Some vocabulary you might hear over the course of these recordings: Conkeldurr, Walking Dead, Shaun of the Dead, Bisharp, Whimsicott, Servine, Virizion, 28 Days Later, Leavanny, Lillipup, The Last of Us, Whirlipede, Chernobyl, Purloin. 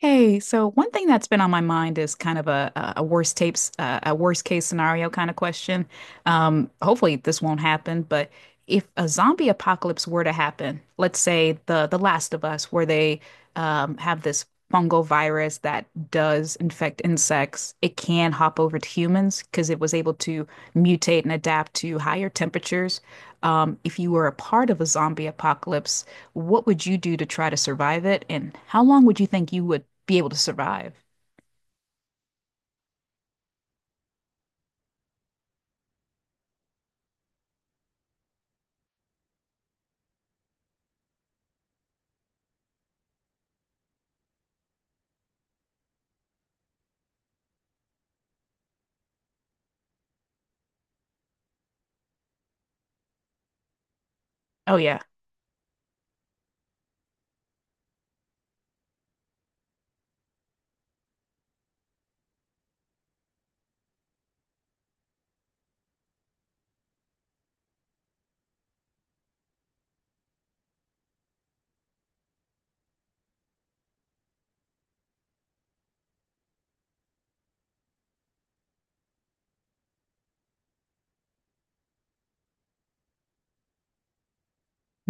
Hey, so one thing that's been on my mind is kind of a worst tapes a worst case scenario kind of question. Hopefully this won't happen, but if a zombie apocalypse were to happen, let's say The Last of Us, where they have this fungal virus that does infect insects, it can hop over to humans because it was able to mutate and adapt to higher temperatures. If you were a part of a zombie apocalypse, what would you do to try to survive it? And how long would you think you would be able to survive? Oh, yeah.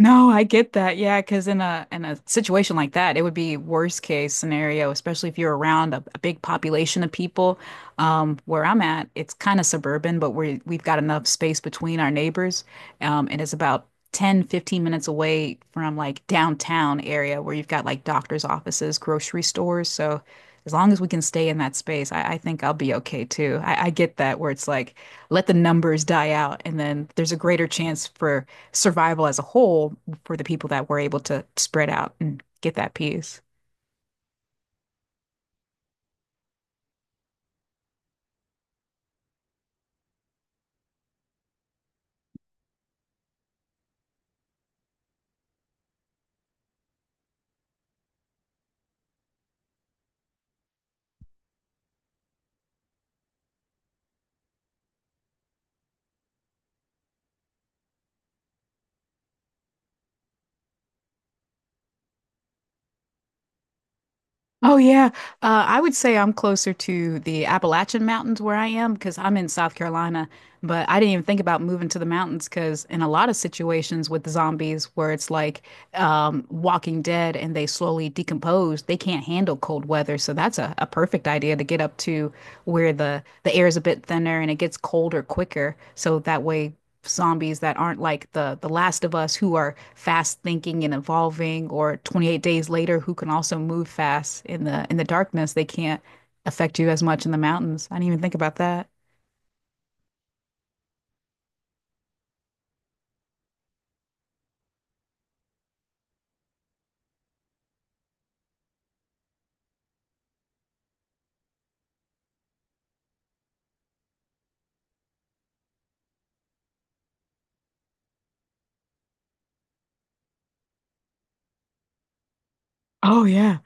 No, I get that. Yeah, because in a situation like that, it would be worst case scenario, especially if you're around a big population of people. Where I'm at, it's kind of suburban, but we've got enough space between our neighbors. And it's about 10 to 15 minutes away from like downtown area where you've got like doctor's offices, grocery stores. So as long as we can stay in that space, I think I'll be okay too. I get that where it's like let the numbers die out, and then there's a greater chance for survival as a whole for the people that were able to spread out and get that peace. Oh yeah, I would say I'm closer to the Appalachian Mountains where I am because I'm in South Carolina. But I didn't even think about moving to the mountains because in a lot of situations with zombies where it's like Walking Dead and they slowly decompose, they can't handle cold weather. So that's a perfect idea to get up to where the air is a bit thinner and it gets colder quicker. So that way zombies that aren't like the Last of Us who are fast thinking and evolving or 28 days later who can also move fast in the darkness. They can't affect you as much in the mountains. I didn't even think about that. Oh yeah.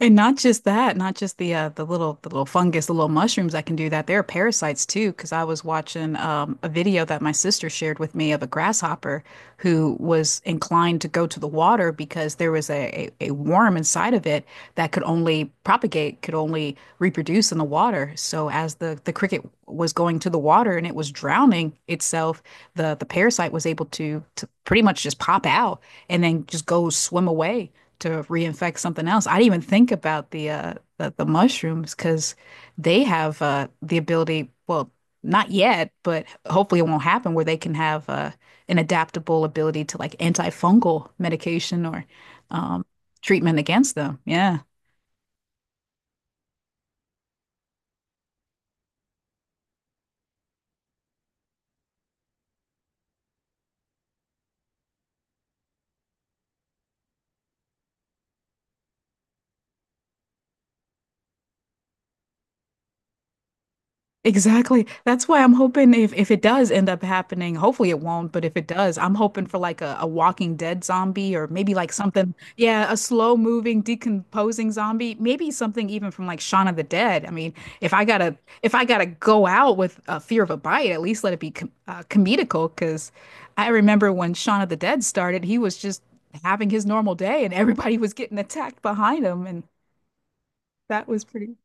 And not just that, not just the little fungus, the little mushrooms that can do that. There are parasites too, because I was watching a video that my sister shared with me of a grasshopper who was inclined to go to the water because there was a worm inside of it that could only propagate, could only reproduce in the water. So as the cricket was going to the water and it was drowning itself, the parasite was able to pretty much just pop out and then just go swim away to reinfect something else. I didn't even think about the mushrooms because they have the ability, well, not yet, but hopefully it won't happen where they can have an adaptable ability to like antifungal medication or um treatment against them. Yeah. Exactly. That's why I'm hoping if it does end up happening, hopefully it won't, but if it does, I'm hoping for like a Walking Dead zombie or maybe like something, yeah, a slow moving, decomposing zombie, maybe something even from like Shaun of the Dead. I mean, if I gotta if I gotta go out with a fear of a bite, at least let it be comedical, because I remember when Shaun of the Dead started, he was just having his normal day and everybody was getting attacked behind him, and that was pretty.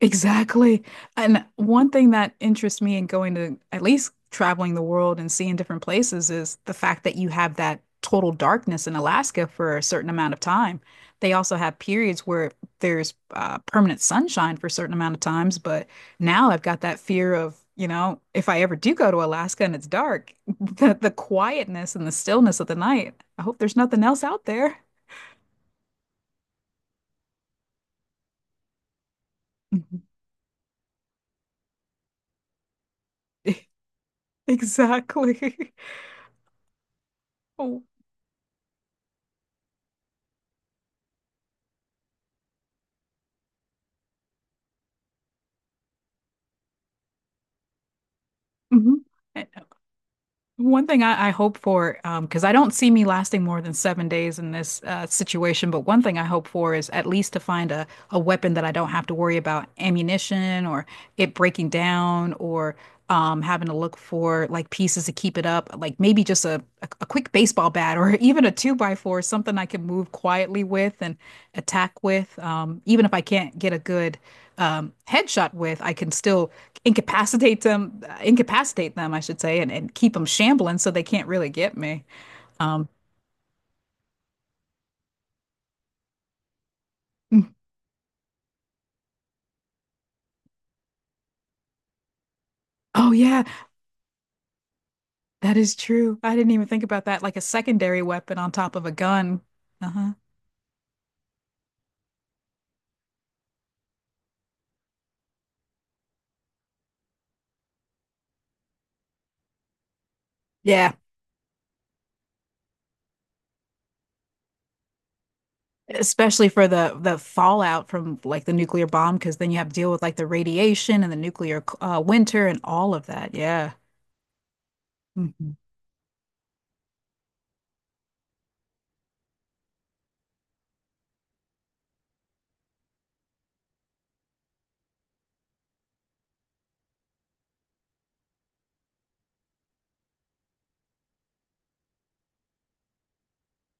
Exactly. And one thing that interests me in going to at least traveling the world and seeing different places is the fact that you have that total darkness in Alaska for a certain amount of time. They also have periods where there's permanent sunshine for a certain amount of times, but now I've got that fear of, you know, if I ever do go to Alaska and it's dark, the quietness and the stillness of the night. I hope there's nothing else out there. Exactly. Mhm. One thing I hope for, because I don't see me lasting more than 7 days in this situation, but one thing I hope for is at least to find a weapon that I don't have to worry about ammunition or it breaking down or having to look for like pieces to keep it up, like maybe just a quick baseball bat or even a two by four, something I can move quietly with and attack with. Even if I can't get a good headshot with, I can still incapacitate them, I should say, and keep them shambling so they can't really get me. Um, mm, oh yeah, that is true. I didn't even think about that. Like a secondary weapon on top of a gun. Uh-huh. Yeah, especially for the fallout from like the nuclear bomb, because then you have to deal with like the radiation and the nuclear winter and all of that. Yeah. Mhm.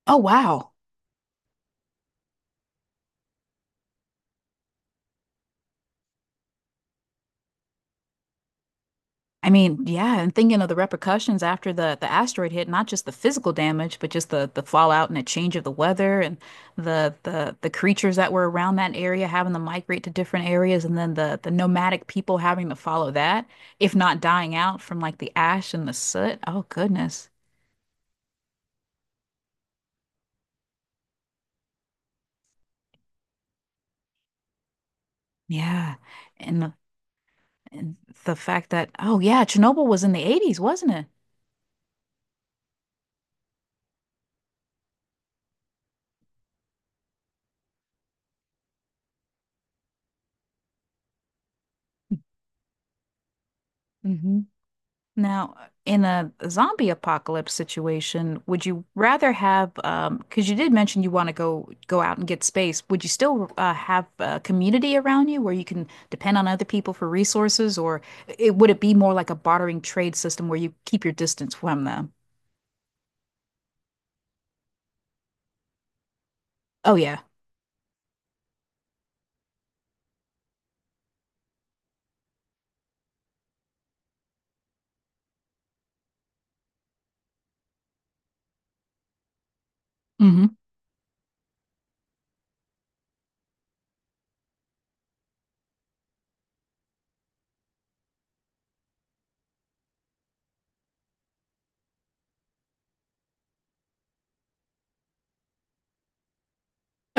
Oh wow. I mean, yeah, and thinking of the repercussions after the asteroid hit, not just the physical damage, but just the fallout and the change of the weather and the creatures that were around that area having to migrate to different areas and then the nomadic people having to follow that, if not dying out from like the ash and the soot. Oh goodness. Yeah. And the, and the fact that oh yeah, Chernobyl was in the 80s, wasn't it? Mhm. Now, in a zombie apocalypse situation, would you rather have, because you did mention you want to go out and get space, would you still have a community around you where you can depend on other people for resources, or would it be more like a bartering trade system where you keep your distance from them? Oh yeah.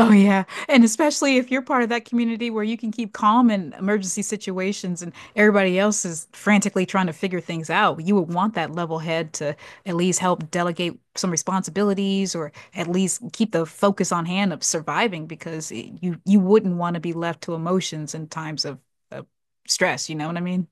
Oh yeah, and especially if you're part of that community where you can keep calm in emergency situations and everybody else is frantically trying to figure things out, you would want that level head to at least help delegate some responsibilities or at least keep the focus on hand of surviving because you you wouldn't want to be left to emotions in times of stress, you know what I mean?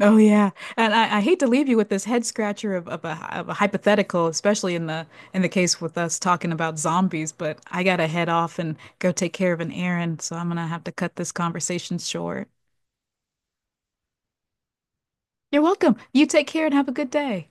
Oh yeah, and I hate to leave you with this head scratcher of a hypothetical, especially in the case with us talking about zombies. But I gotta head off and go take care of an errand, so I'm gonna have to cut this conversation short. You're welcome. You take care and have a good day.